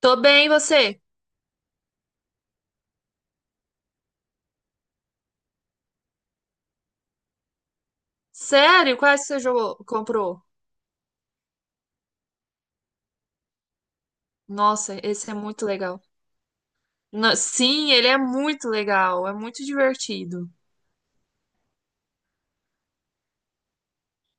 Tô bem, e você? Sério? Quais que você jogou, comprou? Nossa, esse é muito legal. Sim, ele é muito legal, é muito divertido.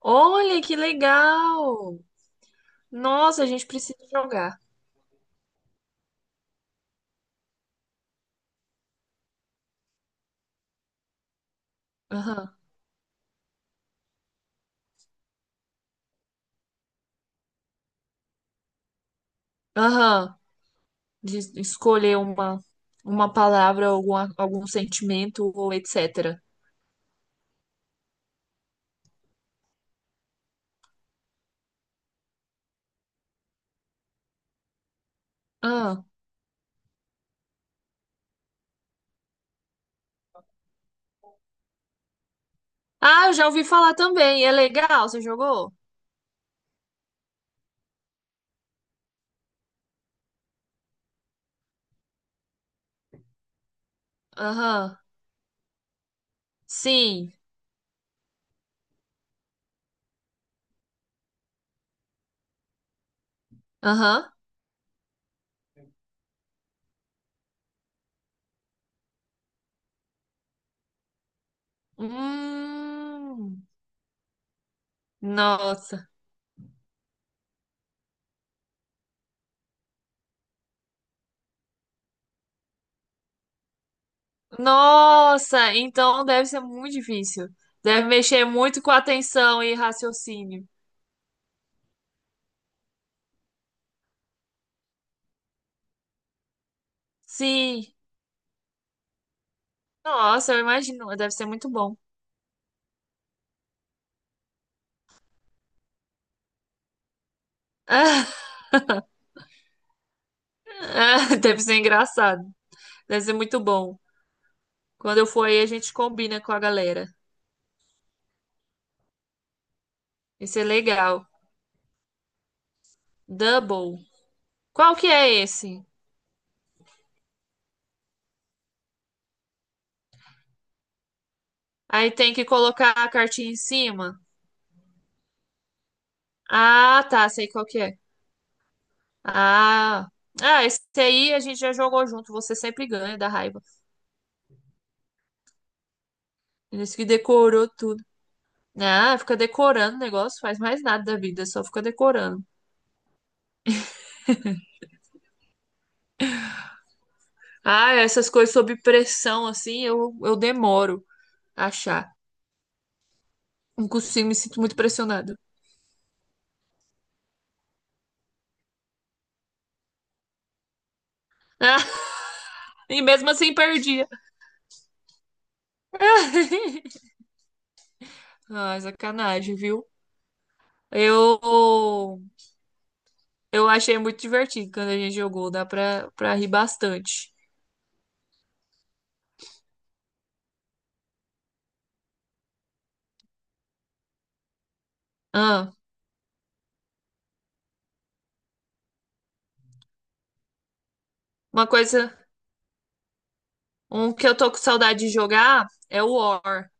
Olha que legal! Nossa, a gente precisa jogar. Aham. Aham. De escolher uma palavra, alguma, algum sentimento ou etc. Ah. Ah, eu já ouvi falar também. É legal, você jogou? Aham. Sim. Aham. Hum. Nossa. Nossa, então deve ser muito difícil. Deve mexer muito com atenção e raciocínio. Sim. Nossa, eu imagino. Deve ser muito bom. Deve ser engraçado. Deve ser muito bom. Quando eu for aí, a gente combina com a galera. Isso é legal. Double. Qual que é esse? Aí tem que colocar a cartinha em cima. Ah, tá. Sei qual que é. Ah. Ah, esse aí a gente já jogou junto. Você sempre ganha da raiva. Esse que decorou tudo. Ah, fica decorando o negócio, faz mais nada da vida, só fica decorando. Ah, essas coisas sob pressão, assim, eu demoro a achar. Não consigo, me sinto muito pressionada. Ah, e mesmo assim perdia. Ah, sacanagem, viu? Eu, eu achei muito divertido quando a gente jogou, dá pra, pra rir bastante. Ah, uma coisa, um que eu tô com saudade de jogar é o War.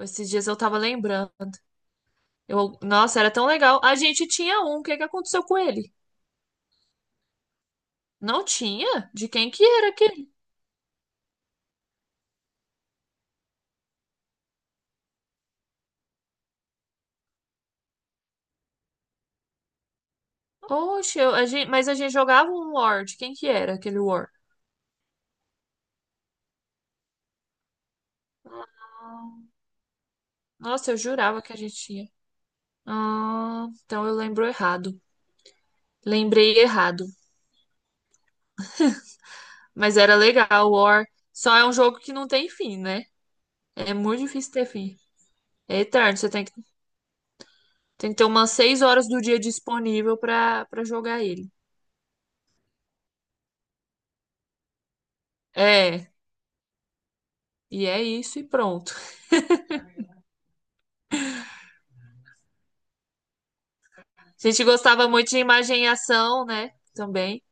Esses dias eu tava lembrando. Eu, nossa, era tão legal. A gente tinha um, o que que aconteceu com ele? Não tinha? De quem que era aquele? Oxe, a gente, mas a gente jogava um War. De quem que era aquele War? Ah, nossa, eu jurava que a gente tinha. Ah, então eu lembro errado. Lembrei errado. Mas era legal, War. Só é um jogo que não tem fim, né? É muito difícil ter fim. É eterno. Você tem que ter umas 6 horas do dia disponível pra, pra jogar ele. É, e é isso e pronto. A gente gostava muito de imagem e ação, né? Também.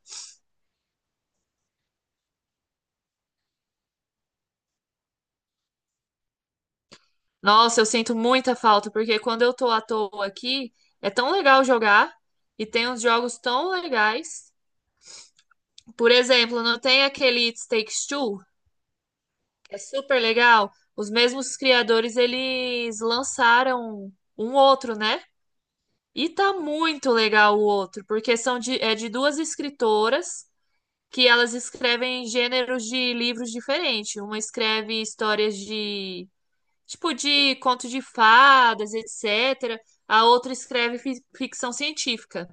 Nossa, eu sinto muita falta, porque quando eu tô à toa aqui, é tão legal jogar e tem uns jogos tão legais. Por exemplo, não tem aquele It Takes Two, que é super legal. Os mesmos criadores, eles lançaram um outro, né? E tá muito legal o outro, porque são de, é de duas escritoras que elas escrevem gêneros de livros diferentes. Uma escreve histórias de tipo de conto de fadas, etc. A outra escreve ficção científica.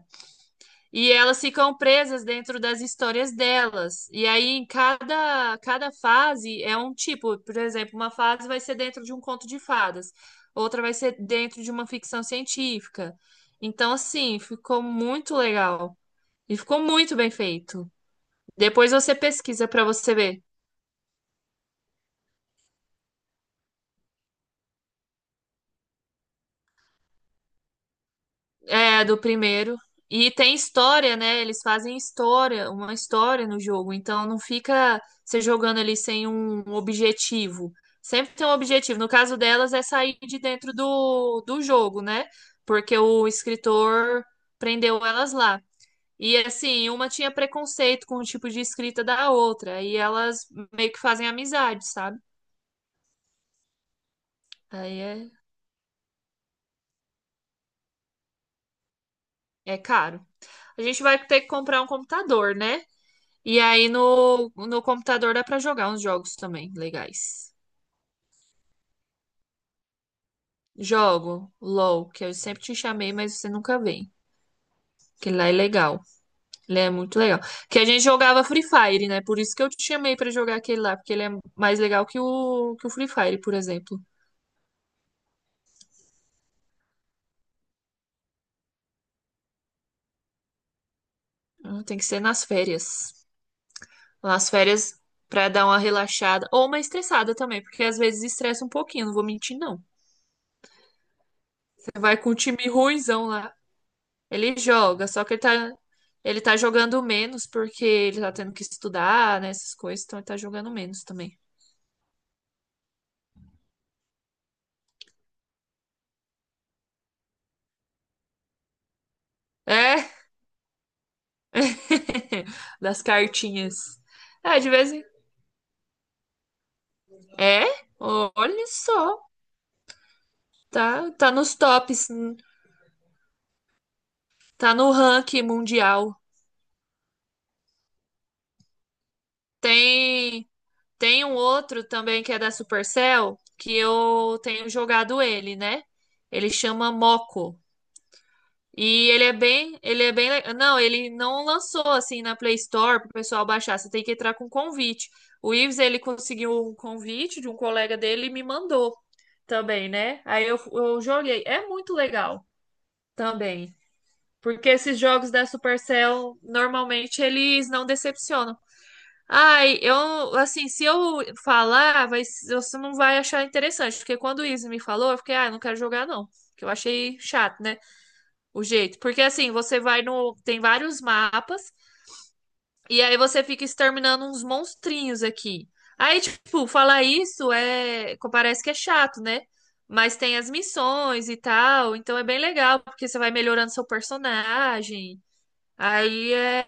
E elas ficam presas dentro das histórias delas. E aí, em cada, cada fase é um tipo. Por exemplo, uma fase vai ser dentro de um conto de fadas, outra vai ser dentro de uma ficção científica. Então, assim, ficou muito legal. E ficou muito bem feito. Depois você pesquisa para você ver. É, do primeiro. E tem história, né? Eles fazem história, uma história no jogo. Então não fica você jogando ali sem um objetivo. Sempre tem um objetivo. No caso delas é sair de dentro do, do jogo, né? Porque o escritor prendeu elas lá. E assim, uma tinha preconceito com o tipo de escrita da outra. E elas meio que fazem amizade, sabe? Aí é, é caro. A gente vai ter que comprar um computador, né? E aí no, no computador dá pra jogar uns jogos também legais. Jogo LOL, que eu sempre te chamei, mas você nunca vem. Que lá é legal. Ele é muito legal. Que a gente jogava Free Fire, né? Por isso que eu te chamei pra jogar aquele lá, porque ele é mais legal que o Free Fire, por exemplo. Ah, tem que ser nas férias. Nas férias pra dar uma relaxada ou uma estressada também, porque às vezes estressa um pouquinho, não vou mentir não. Você vai com o time ruinzão lá. Ele joga, só que ele tá jogando menos porque ele tá tendo que estudar, né, essas coisas, então ele tá jogando menos também. É, das cartinhas. É, de vez em... É, olha só, tá, tá nos tops, tá no ranking mundial. Tem, tem um outro também que é da Supercell, que eu tenho jogado ele, né? Ele chama Moco. E ele é bem, não, ele não lançou assim na Play Store para o pessoal baixar. Você tem que entrar com convite. O Ives ele conseguiu um convite de um colega dele e me mandou também, né? Aí eu joguei. É muito legal também, porque esses jogos da Supercell normalmente eles não decepcionam. Ai, eu assim, se eu falar, vai, você não vai achar interessante, porque quando o Ives me falou, eu fiquei, ah, eu não quero jogar não, que eu achei chato, né? O jeito. Porque assim, você vai no. Tem vários mapas, e aí você fica exterminando uns monstrinhos aqui. Aí, tipo, falar isso é. Parece que é chato, né? Mas tem as missões e tal, então é bem legal, porque você vai melhorando seu personagem. Aí é.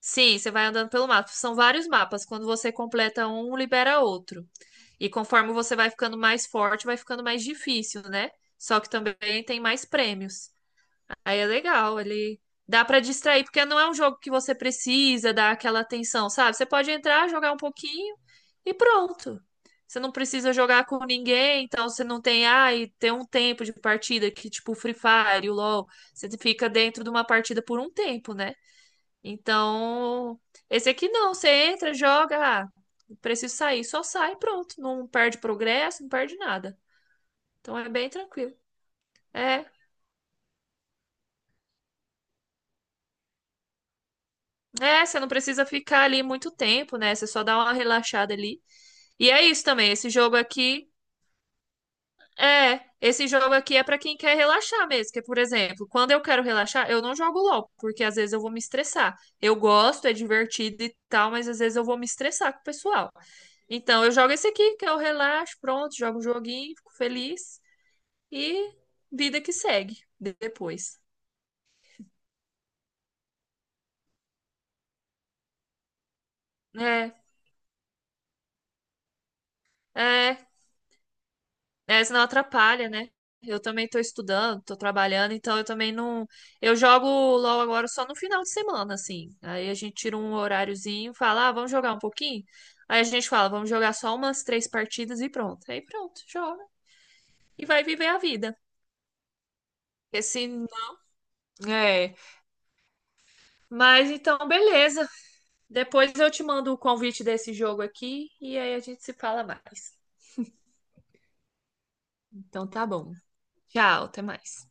Sim, você vai andando pelo mapa. São vários mapas. Quando você completa um, libera outro. E conforme você vai ficando mais forte, vai ficando mais difícil, né? Só que também tem mais prêmios. Aí é legal, ele dá pra distrair, porque não é um jogo que você precisa dar aquela atenção, sabe? Você pode entrar, jogar um pouquinho e pronto. Você não precisa jogar com ninguém, então você não tem, ah e tem um tempo de partida que tipo o Free Fire, o LoL, você fica dentro de uma partida por um tempo, né? Então, esse aqui não, você entra, joga, ah, preciso sair, só sai, pronto, não perde progresso, não perde nada. Então é bem tranquilo. É, é, você não precisa ficar ali muito tempo, né? Você só dá uma relaxada ali. E é isso também, esse jogo aqui é, esse jogo aqui é pra quem quer relaxar mesmo, que é, por exemplo, quando eu quero relaxar, eu não jogo LOL, porque às vezes eu vou me estressar. Eu gosto, é divertido e tal, mas às vezes eu vou me estressar com o pessoal. Então eu jogo esse aqui, que eu relaxo, pronto, jogo um joguinho, fico feliz e vida que segue depois. É, é, é, senão atrapalha, né? Eu também tô estudando, tô trabalhando, então eu também não. Eu jogo LOL agora só no final de semana, assim. Aí a gente tira um horáriozinho, fala, ah, vamos jogar um pouquinho? Aí a gente fala, vamos jogar só umas 3 partidas e pronto. Aí pronto, joga e vai viver a vida. Esse. É. Mas então, beleza. Depois eu te mando o convite desse jogo aqui e aí a gente se fala mais. Então tá bom. Tchau, até mais.